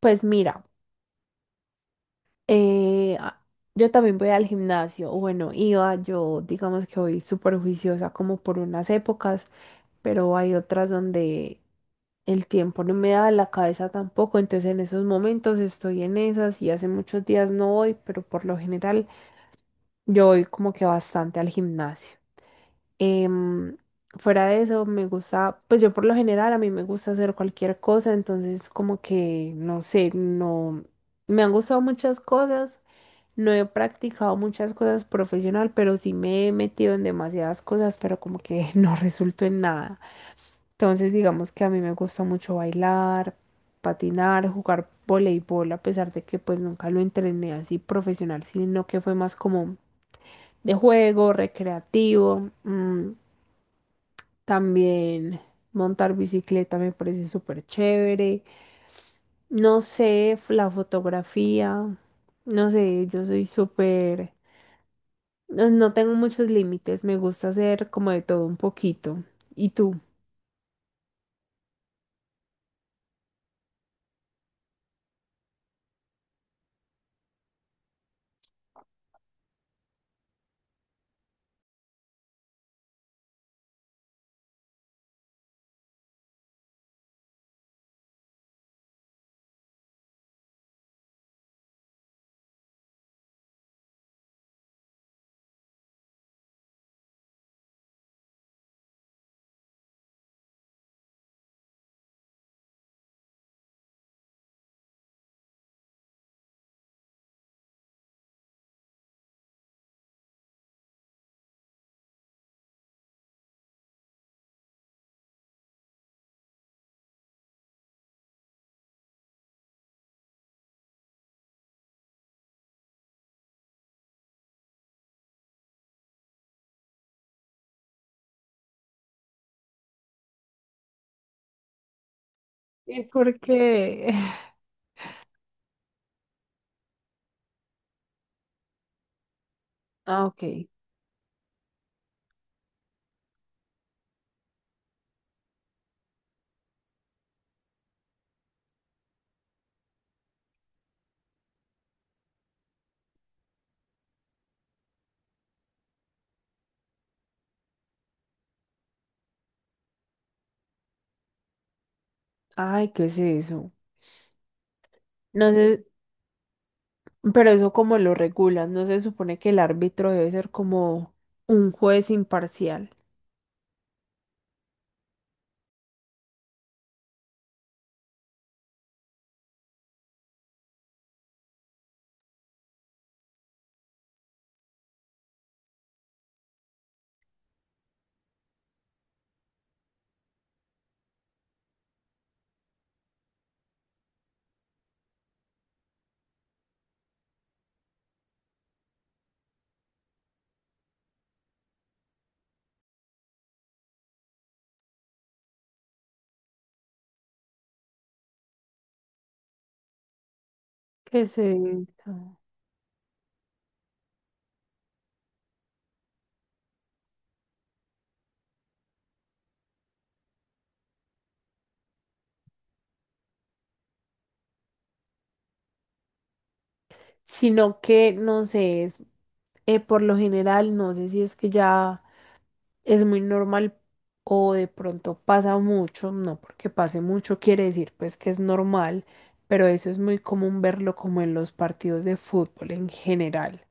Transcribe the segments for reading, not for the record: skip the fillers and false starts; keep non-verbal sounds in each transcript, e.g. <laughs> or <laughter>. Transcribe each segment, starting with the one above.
Pues mira, eh, a- yo también voy al gimnasio, o bueno, iba, yo digamos que voy súper juiciosa como por unas épocas, pero hay otras donde el tiempo no me da la cabeza tampoco, entonces en esos momentos estoy en esas y hace muchos días no voy, pero por lo general yo voy como que bastante al gimnasio. Em, Fuera de eso, me gusta, pues yo por lo general a mí me gusta hacer cualquier cosa, entonces como que, no sé, no, me han gustado muchas cosas. No he practicado muchas cosas profesional, pero sí me he metido en demasiadas cosas, pero como que <laughs> no resultó en nada. Entonces, digamos que a mí me gusta mucho bailar, patinar, jugar voleibol, a pesar de que pues nunca lo entrené así profesional, sino que fue más como de juego, recreativo. También montar bicicleta me parece súper chévere. No sé, la fotografía, no sé, yo soy súper. No tengo muchos límites, me gusta hacer como de todo un poquito. ¿Y tú? ¿Y por qué? <laughs> Ah, ok. Ay, ¿qué es eso? No sé, pero eso como lo regulas, ¿no se supone que el árbitro debe ser como un juez imparcial? ¿Qué es eso? Sino que, no sé, es, por lo general, no sé si es que ya... es muy normal o de pronto pasa mucho, no porque pase mucho quiere decir pues que es normal, pero eso es muy común verlo como en los partidos de fútbol en general.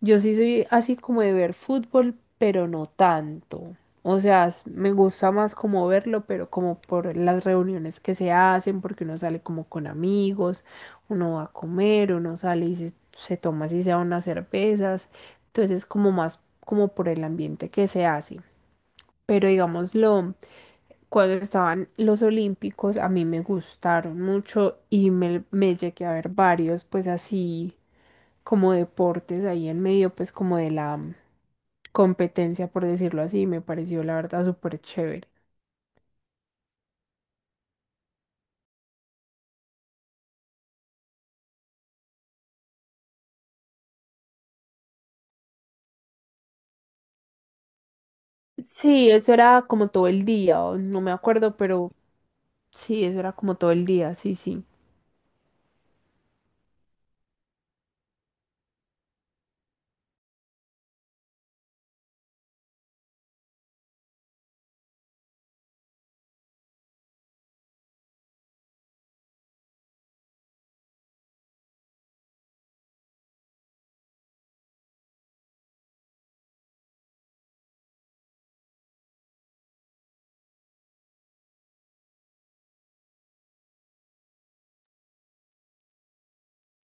Yo sí soy así como de ver fútbol, pero no tanto. O sea, me gusta más como verlo, pero como por las reuniones que se hacen, porque uno sale como con amigos, uno va a comer, uno sale y se toma así sea unas cervezas. Entonces es como más como por el ambiente que se hace. Pero digámoslo, cuando estaban los Olímpicos, a mí me gustaron mucho y me llegué a ver varios, pues así como deportes ahí en medio, pues como de la competencia, por decirlo así, me pareció la verdad súper chévere. Sí, eso era como todo el día, o no me acuerdo, pero sí, eso era como todo el día, sí, sí.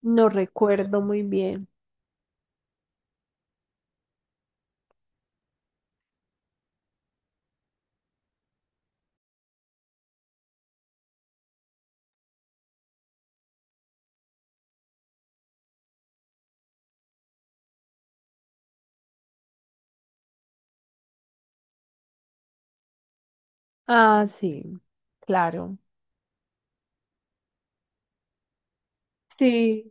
No recuerdo muy bien. Ah, sí, claro. Sí.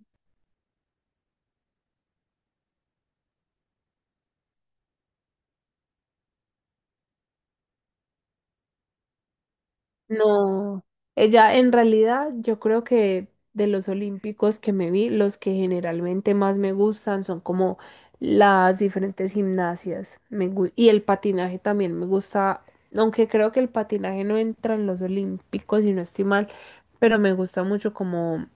No, ella en realidad yo creo que de los olímpicos que me vi, los que generalmente más me gustan son como las diferentes gimnasias. Y el patinaje también me gusta, aunque creo que el patinaje no entra en los olímpicos y no estoy mal, pero me gusta mucho como,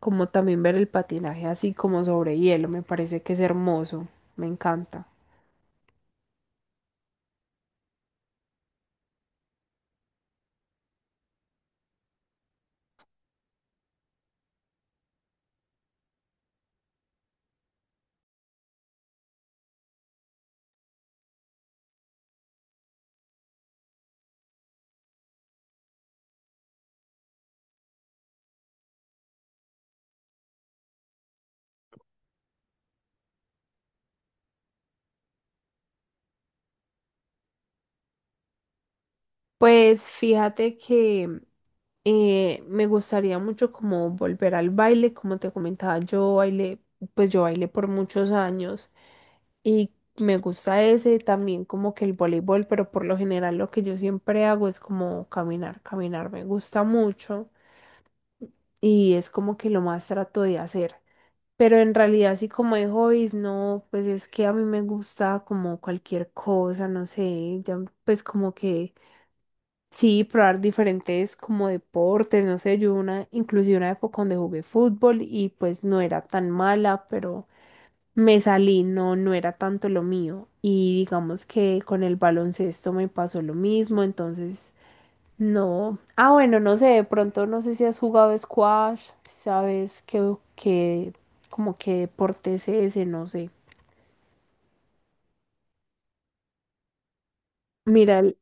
como también ver el patinaje así como sobre hielo, me parece que es hermoso, me encanta. Pues fíjate que me gustaría mucho como volver al baile, como te comentaba, yo bailé, pues yo bailé por muchos años y me gusta ese también como que el voleibol, pero por lo general lo que yo siempre hago es como caminar, caminar me gusta mucho y es como que lo más trato de hacer. Pero en realidad así como de hobbies, no, pues es que a mí me gusta como cualquier cosa, no sé, ya, pues como que sí, probar diferentes como deportes, no sé, yo una, inclusive una época donde jugué fútbol y pues no era tan mala, pero me salí, no, no era tanto lo mío. Y digamos que con el baloncesto me pasó lo mismo, entonces no. Ah, bueno, no sé, de pronto no sé si has jugado squash, si sabes qué, qué, como qué deporte es ese, no sé. Mira, el,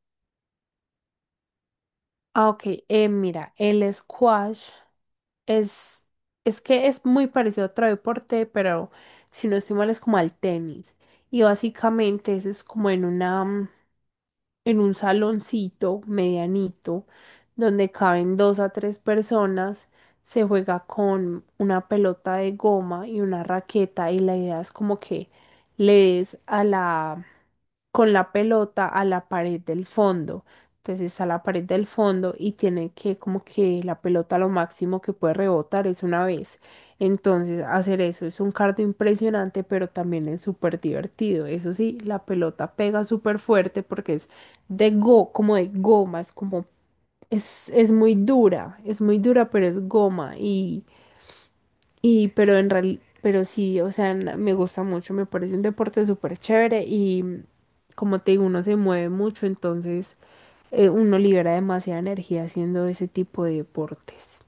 ah, ok, mira, el squash. Es, es que es muy parecido a otro deporte, pero si no estoy mal es como al tenis. Y básicamente eso es como en una, en un saloncito medianito donde caben dos a tres personas. Se juega con una pelota de goma y una raqueta y la idea es como que le des a la, con la pelota a la pared del fondo. Entonces a la pared del fondo y tiene que como que la pelota lo máximo que puede rebotar es una vez. Entonces hacer eso es un cardio impresionante, pero también es súper divertido. Eso sí, la pelota pega súper fuerte porque es de go, como de gomas, como es muy dura, pero es goma. Y pero en realidad, pero sí, o sea, me gusta mucho, me parece un deporte súper chévere y como te digo, uno se mueve mucho, entonces uno libera demasiada energía haciendo ese tipo de deportes.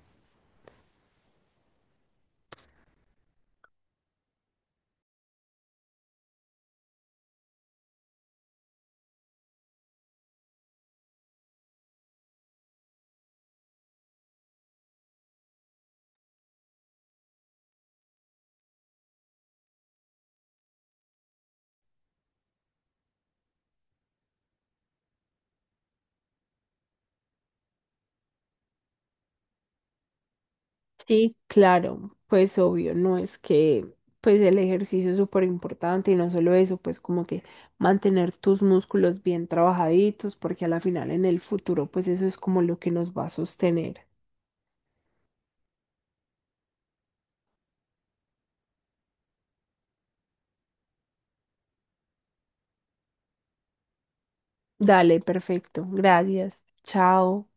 Sí, claro, pues obvio, no es que pues el ejercicio es súper importante y no solo eso, pues como que mantener tus músculos bien trabajaditos, porque a la final en el futuro pues eso es como lo que nos va a sostener. Dale, perfecto, gracias, chao.